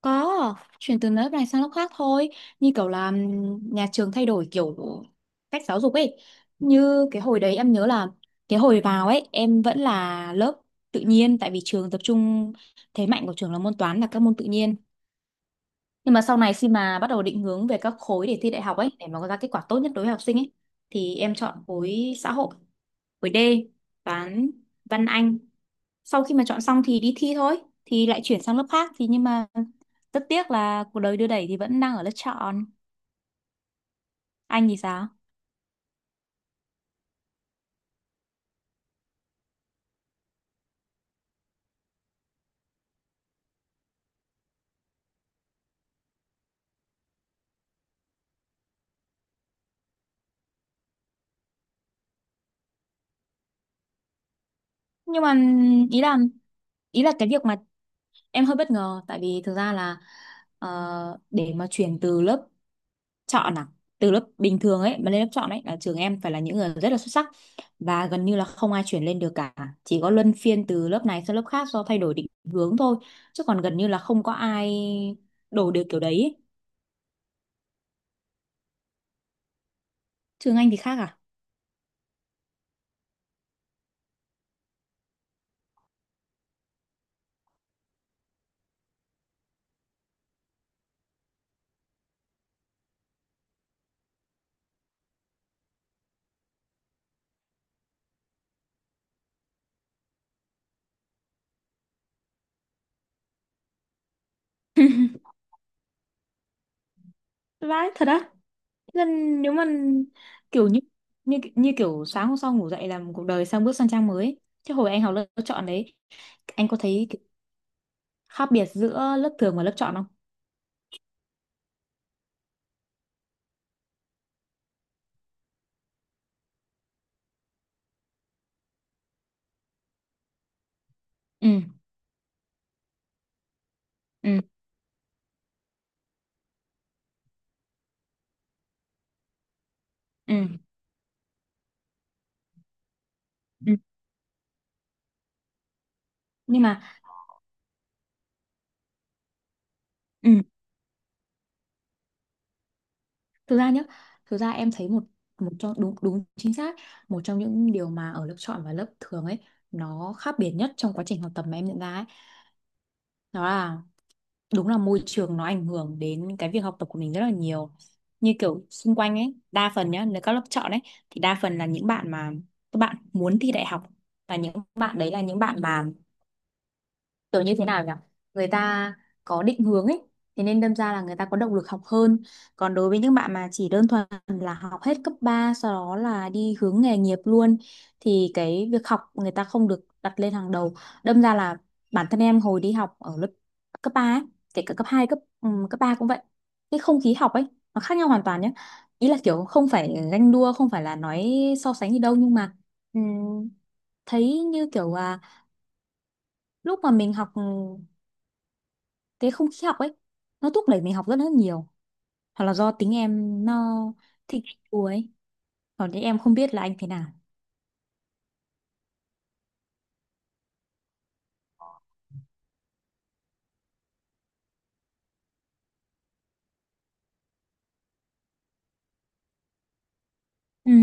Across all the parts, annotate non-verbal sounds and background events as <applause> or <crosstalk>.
Có, chuyển từ lớp này sang lớp khác thôi. Như kiểu là nhà trường thay đổi kiểu cách giáo dục ấy. Như cái hồi đấy em nhớ là cái hồi vào ấy em vẫn là lớp tự nhiên, tại vì trường tập trung thế mạnh của trường là môn toán, là các môn tự nhiên. Nhưng mà sau này, khi mà bắt đầu định hướng về các khối để thi đại học ấy, để mà có ra kết quả tốt nhất đối với học sinh ấy, thì em chọn khối xã hội, với D, toán văn Anh. Sau khi mà chọn xong thì đi thi thôi, thì lại chuyển sang lớp khác thì, nhưng mà rất tiếc là cuộc đời đưa đẩy thì vẫn đang ở lớp chọn. Anh thì sao? Nhưng mà ý là ý là cái việc mà em hơi bất ngờ, tại vì thực ra là, để mà chuyển từ lớp chọn à, từ lớp bình thường ấy mà lên lớp chọn ấy, là trường em phải là những người rất là xuất sắc, và gần như là không ai chuyển lên được cả, chỉ có luân phiên từ lớp này sang lớp khác do thay đổi định hướng thôi, chứ còn gần như là không có ai đổ được kiểu đấy ấy. Trường anh thì khác à? <laughs> Vãi thật á. Nên nếu mà kiểu như như như kiểu sáng hôm sau ngủ dậy là một cuộc đời sang, bước sang trang mới ấy. Chứ hồi anh học lớp chọn đấy, anh có thấy cái khác biệt giữa lớp thường và lớp chọn không? Ừ. Ừ. Ừ. Ừ. Nhưng mà ừ, thực ra nhá, thực ra em thấy một một trong đúng đúng chính xác, một trong những điều mà ở lớp chọn và lớp thường ấy, nó khác biệt nhất trong quá trình học tập mà em nhận ra ấy, đó là, đúng là môi trường nó ảnh hưởng đến cái việc học tập của mình rất là nhiều. Như kiểu xung quanh ấy, đa phần nhá, nếu các lớp chọn ấy, thì đa phần là những bạn mà các bạn muốn thi đại học, và những bạn đấy là những bạn mà kiểu như thế nào nhỉ, người ta có định hướng ấy, thế nên đâm ra là người ta có động lực học hơn. Còn đối với những bạn mà chỉ đơn thuần là học hết cấp 3 sau đó là đi hướng nghề nghiệp luôn, thì cái việc học người ta không được đặt lên hàng đầu. Đâm ra là bản thân em hồi đi học ở lớp cấp 3 ấy, kể cả cấp hai, cấp cấp 3 cũng vậy, cái không khí học ấy nó khác nhau hoàn toàn nhé. Ý là kiểu không phải ganh đua, không phải là nói so sánh gì đâu, nhưng mà ừm, thấy như kiểu là lúc mà mình học, thế không khí học ấy nó thúc đẩy mình học rất là nhiều. Hoặc là do tính em nó thích đùa ấy, còn thì em không biết là anh thế nào. Ừ.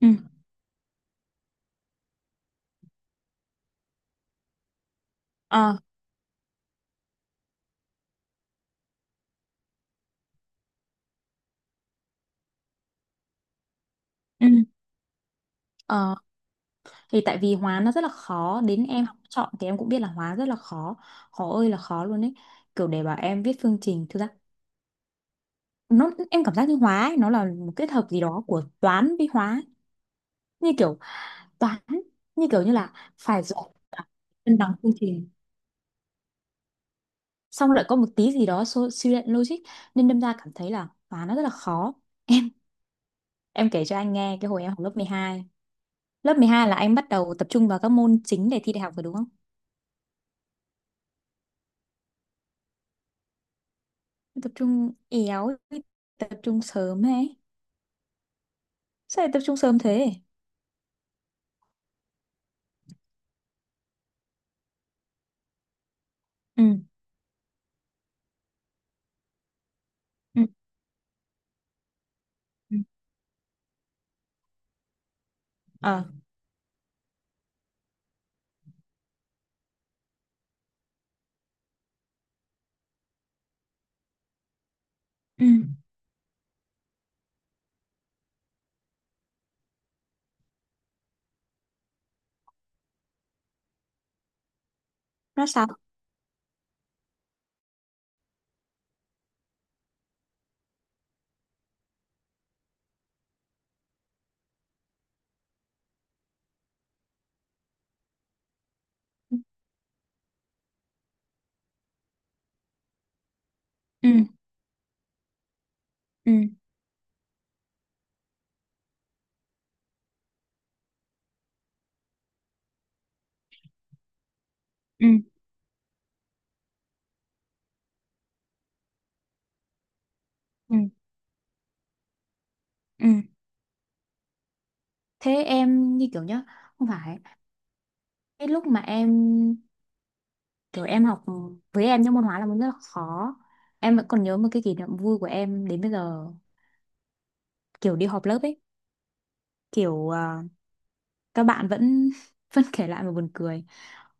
Ừ. Ờ. Ừ. Ờ, thì tại vì hóa nó rất là khó, đến em học chọn thì em cũng biết là hóa rất là khó, khó ơi là khó luôn ấy. Kiểu để bảo em viết phương trình, thực ra nó em cảm giác như hóa ấy, nó là một kết hợp gì đó của toán với hóa ấy. Như kiểu toán, như kiểu như là phải giỏi cả cân bằng phương trình, xong lại có một tí gì đó suy luận logic, nên đâm ra cảm thấy là toán nó rất là khó. Em kể cho anh nghe cái hồi em học lớp 12. Lớp 12 là anh bắt đầu tập trung vào các môn chính để thi đại học rồi đúng không? Tập trung éo, tập trung sớm ấy. Sao lại tập trung sớm thế? Ừ. Ừ. Ừ. Ờ. Ừ. Nó sao? Ừ. Ừ. Ừ. Ừ. Ừ. Thế em như kiểu nhá, không phải, cái lúc mà em kiểu em học, với em những môn hóa là môn rất là khó, em vẫn còn nhớ một cái kỷ niệm vui của em đến bây giờ, kiểu đi họp lớp ấy, kiểu à, các bạn vẫn <laughs> vẫn kể lại mà buồn cười.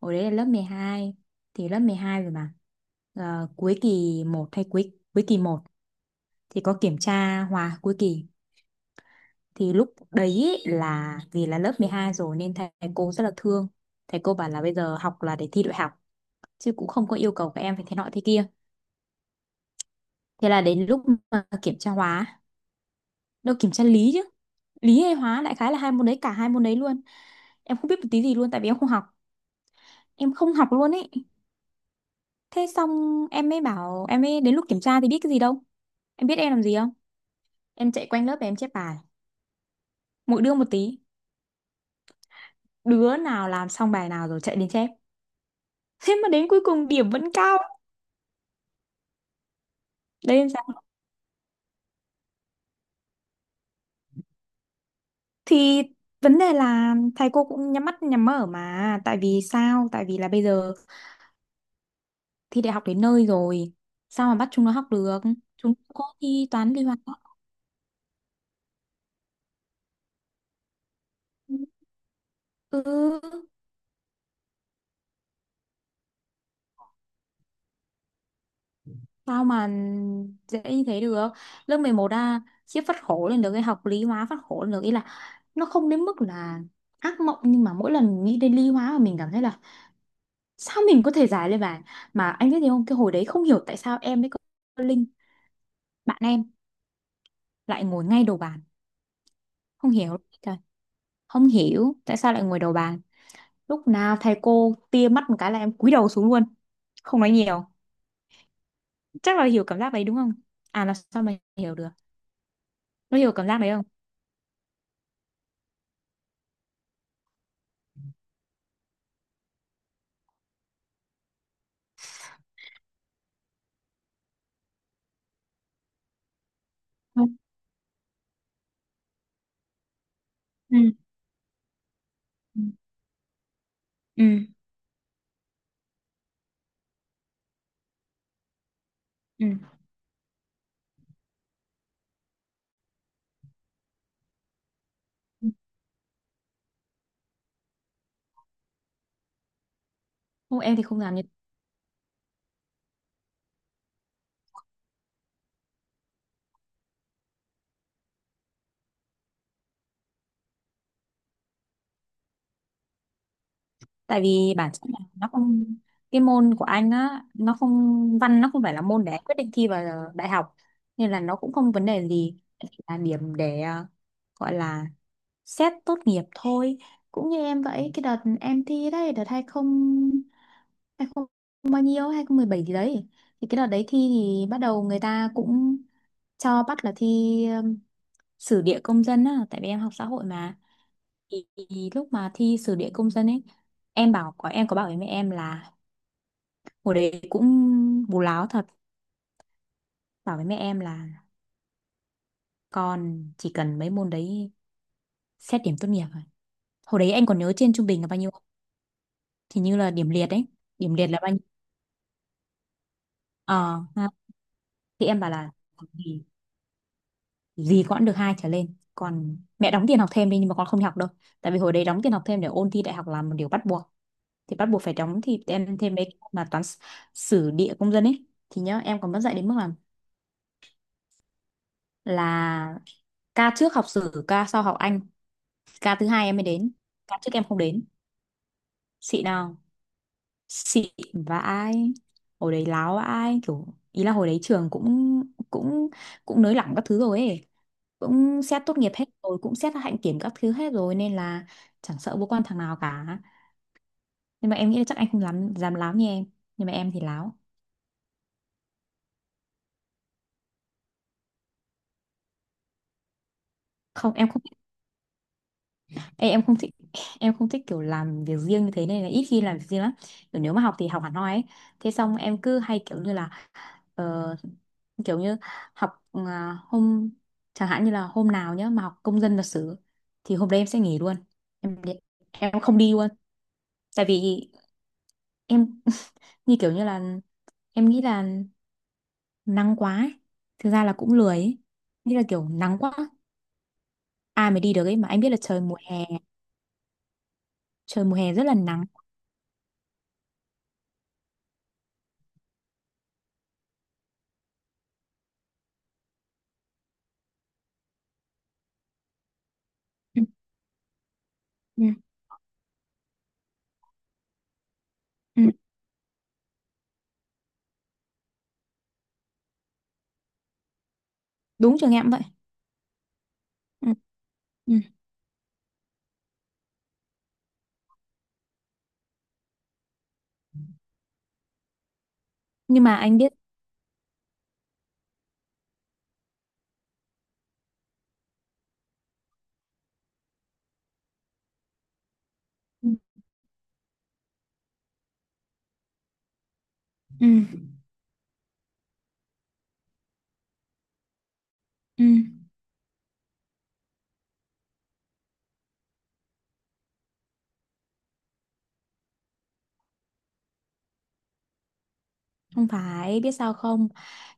Hồi đấy là lớp 12, thì lớp 12 rồi mà. Ờ, cuối kỳ một hay cuối cuối kỳ một, thì có kiểm tra hòa cuối kỳ. Thì lúc đấy ý là vì là lớp 12 rồi nên thầy cô rất là thương. Thầy cô bảo là bây giờ học là để thi đại học, chứ cũng không có yêu cầu các em phải thế nọ thế kia. Thế là đến lúc mà kiểm tra hóa, đâu kiểm tra lý chứ, lý hay hóa, đại khái là hai môn đấy, cả hai môn đấy luôn em không biết một tí gì luôn, tại vì em không học, em không học luôn ấy. Thế xong em mới bảo, em mới đến lúc kiểm tra thì biết cái gì đâu. Em biết em làm gì không? Em chạy quanh lớp và em chép bài, mỗi đứa một tí, đứa nào làm xong bài nào rồi chạy đến chép. Thế mà đến cuối cùng điểm vẫn cao. Đấy em sao. Thì vấn đề là thầy cô cũng nhắm mắt nhắm mở mà, tại vì sao, tại vì là bây giờ thi đại học đến nơi rồi, sao mà bắt chúng nó học được, chúng nó có thi toán lý hóa. Ừ, sao mà dễ như thế được? Lớp 11 à, khiếp, phát khổ lên được cái học lý hóa, phát khổ lên được. Ý là nó không đến mức là ác mộng, nhưng mà mỗi lần nghĩ đến lý hóa mà mình cảm thấy là sao mình có thể giải lên bàn. Mà anh biết gì không, cái hồi đấy không hiểu tại sao em với cô Linh, bạn em, lại ngồi ngay đầu bàn. Không hiểu, trời, không hiểu tại sao lại ngồi đầu bàn. Lúc nào thầy cô tia mắt một cái là em cúi đầu xuống luôn, không nói nhiều. Chắc là hiểu cảm giác đấy đúng không? À là sao mà hiểu được, nó hiểu cảm giác đấy không. Ừ. Ừ. Ừ. Ừ. Không em thì không làm như, tại vì bản chất là nó không, cái môn của anh á nó không văn, nó không phải là môn để anh quyết định thi vào đại học, nên là nó cũng không vấn đề gì. Chỉ là điểm để gọi là xét tốt nghiệp thôi. Cũng như em vậy, cái đợt em thi đấy, đợt hai không bao nhiêu, 2017 gì đấy, thì cái đợt đấy thi thì bắt đầu người ta cũng cho bắt là thi um, sử địa công dân á, tại vì em học xã hội mà. Thì lúc mà thi sử địa công dân ấy, em bảo có em có bảo với mẹ em là, hồi đấy cũng bù láo thật, bảo với mẹ em là con chỉ cần mấy môn đấy xét điểm tốt nghiệp rồi. Hồi đấy anh còn nhớ trên trung bình là bao nhiêu không? Thì như là điểm liệt ấy. Điểm liệt là bao nhiêu? Ờ ha. Thì em bảo là gì, gì cũng được hai trở lên, còn mẹ đóng tiền học thêm đi nhưng mà con không đi học đâu. Tại vì hồi đấy đóng tiền học thêm để ôn thi đại học là một điều bắt buộc, thì bắt buộc phải đóng, thì em thêm mấy cái mà toán, sử địa công dân ấy. Thì nhớ em còn mất dạy đến mức là, ca trước học sử, ca sau học Anh, ca thứ hai em mới đến, ca trước em không đến. Xịn nào. Xịn. Vãi. Hồi đấy láo ai kiểu, ý là hồi đấy trường cũng, cũng cũng nới lỏng các thứ rồi ấy, cũng xét tốt nghiệp hết rồi, cũng xét hạnh kiểm các thứ hết rồi, nên là chẳng sợ vô quan thằng nào cả. Nhưng mà em nghĩ là chắc anh không dám dám láo như em, nhưng mà em thì láo. Không em không. Ê, em không thích, em không thích kiểu làm việc riêng như thế, nên là ít khi làm việc riêng lắm, kiểu nếu mà học thì học hẳn hoi ấy. Thế xong em cứ hay kiểu như là, ờ, kiểu như học à, hôm, chẳng hạn như là hôm nào nhá mà học công dân lịch sử, thì hôm đấy em sẽ nghỉ luôn. em đi- em không đi luôn, tại vì em, <laughs> như kiểu như là em nghĩ là nắng quá ấy. Thực ra là cũng lười ấy. Như là kiểu nắng quá ai mà đi được ấy. Mà anh biết là trời mùa hè rất là nắng. Ừ. Ừ. Ừ. Đúng trường em vậy. Ừ. Ừ. Nhưng mà anh biết. Ừ. Ừ. Ừ. Không phải biết sao không,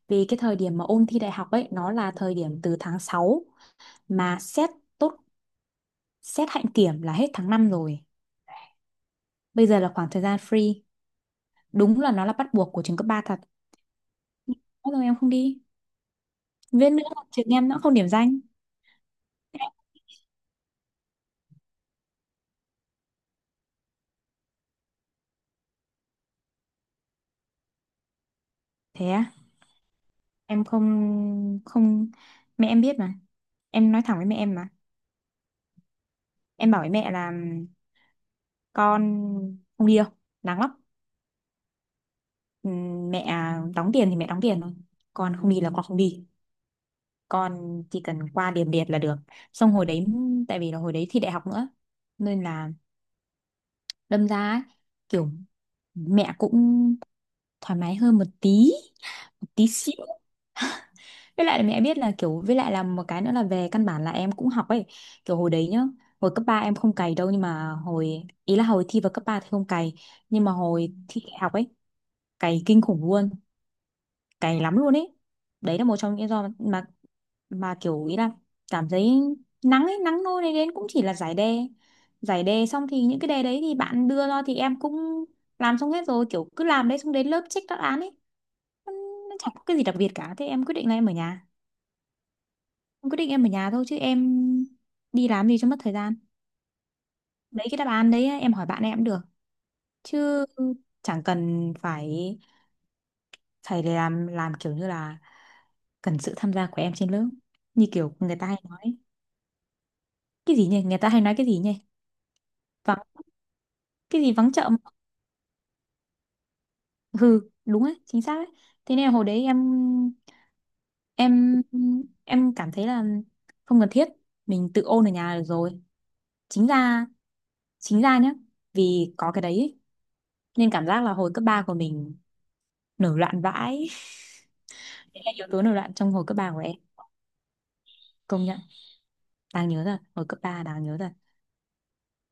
vì cái thời điểm mà ôn thi đại học ấy nó là thời điểm từ tháng 6, mà tốt xét hạnh kiểm là hết tháng 5 rồi, bây giờ là khoảng thời gian free. Đúng là nó là bắt buộc của trường cấp 3 thật. Thế rồi em không đi, viết nữa là trường em nó không điểm danh. Thế á. Em không, không, mẹ em biết mà, em nói thẳng với mẹ em mà. Em bảo với mẹ là con không đi đâu, nắng lắm. Mẹ đóng tiền thì mẹ đóng tiền thôi, con không đi là con không đi, con chỉ cần qua điểm liệt là được. Xong hồi đấy, tại vì là hồi đấy thi đại học nữa, nên là đâm ra ấy, kiểu mẹ cũng thoải mái hơn một tí, một tí xíu. Với lại là mẹ biết là kiểu, với lại là một cái nữa là về căn bản là em cũng học ấy. Kiểu hồi đấy nhá, hồi cấp 3 em không cày đâu, nhưng mà hồi ý là hồi thi vào cấp 3 thì không cày, nhưng mà hồi thi đại học ấy cày kinh khủng luôn, cày lắm luôn ấy. Đấy là một trong những lý do mà kiểu ý là cảm thấy nắng ấy, nắng nôi này đến cũng chỉ là giải đề. Giải đề xong thì những cái đề đấy thì bạn đưa ra thì em cũng làm xong hết rồi, kiểu cứ làm đấy, xong đến lớp check đáp án ấy. Nó nó chẳng có cái gì đặc biệt cả, thế em quyết định là em ở nhà. Em quyết định em ở nhà thôi, chứ em đi làm gì cho mất thời gian. Đấy, cái đáp án đấy em hỏi bạn em cũng được, chứ chẳng cần phải phải làm, kiểu như là cần sự tham gia của em trên lớp, như kiểu người ta hay nói. Cái gì nhỉ, người ta hay nói cái gì nhỉ, vắng, cái gì vắng chợ hừ, đúng ấy, chính xác ấy. Thế nên là hồi đấy em em cảm thấy là không cần thiết, mình tự ôn ở nhà được rồi. chính ra chính ra nhá, vì có cái đấy ấy, nên cảm giác là hồi cấp 3 của mình nổi loạn vãi. <laughs> Đấy là yếu tố nổi loạn trong hồi cấp 3 của em. Công nhận đáng nhớ rồi, hồi cấp 3 đáng nhớ rồi.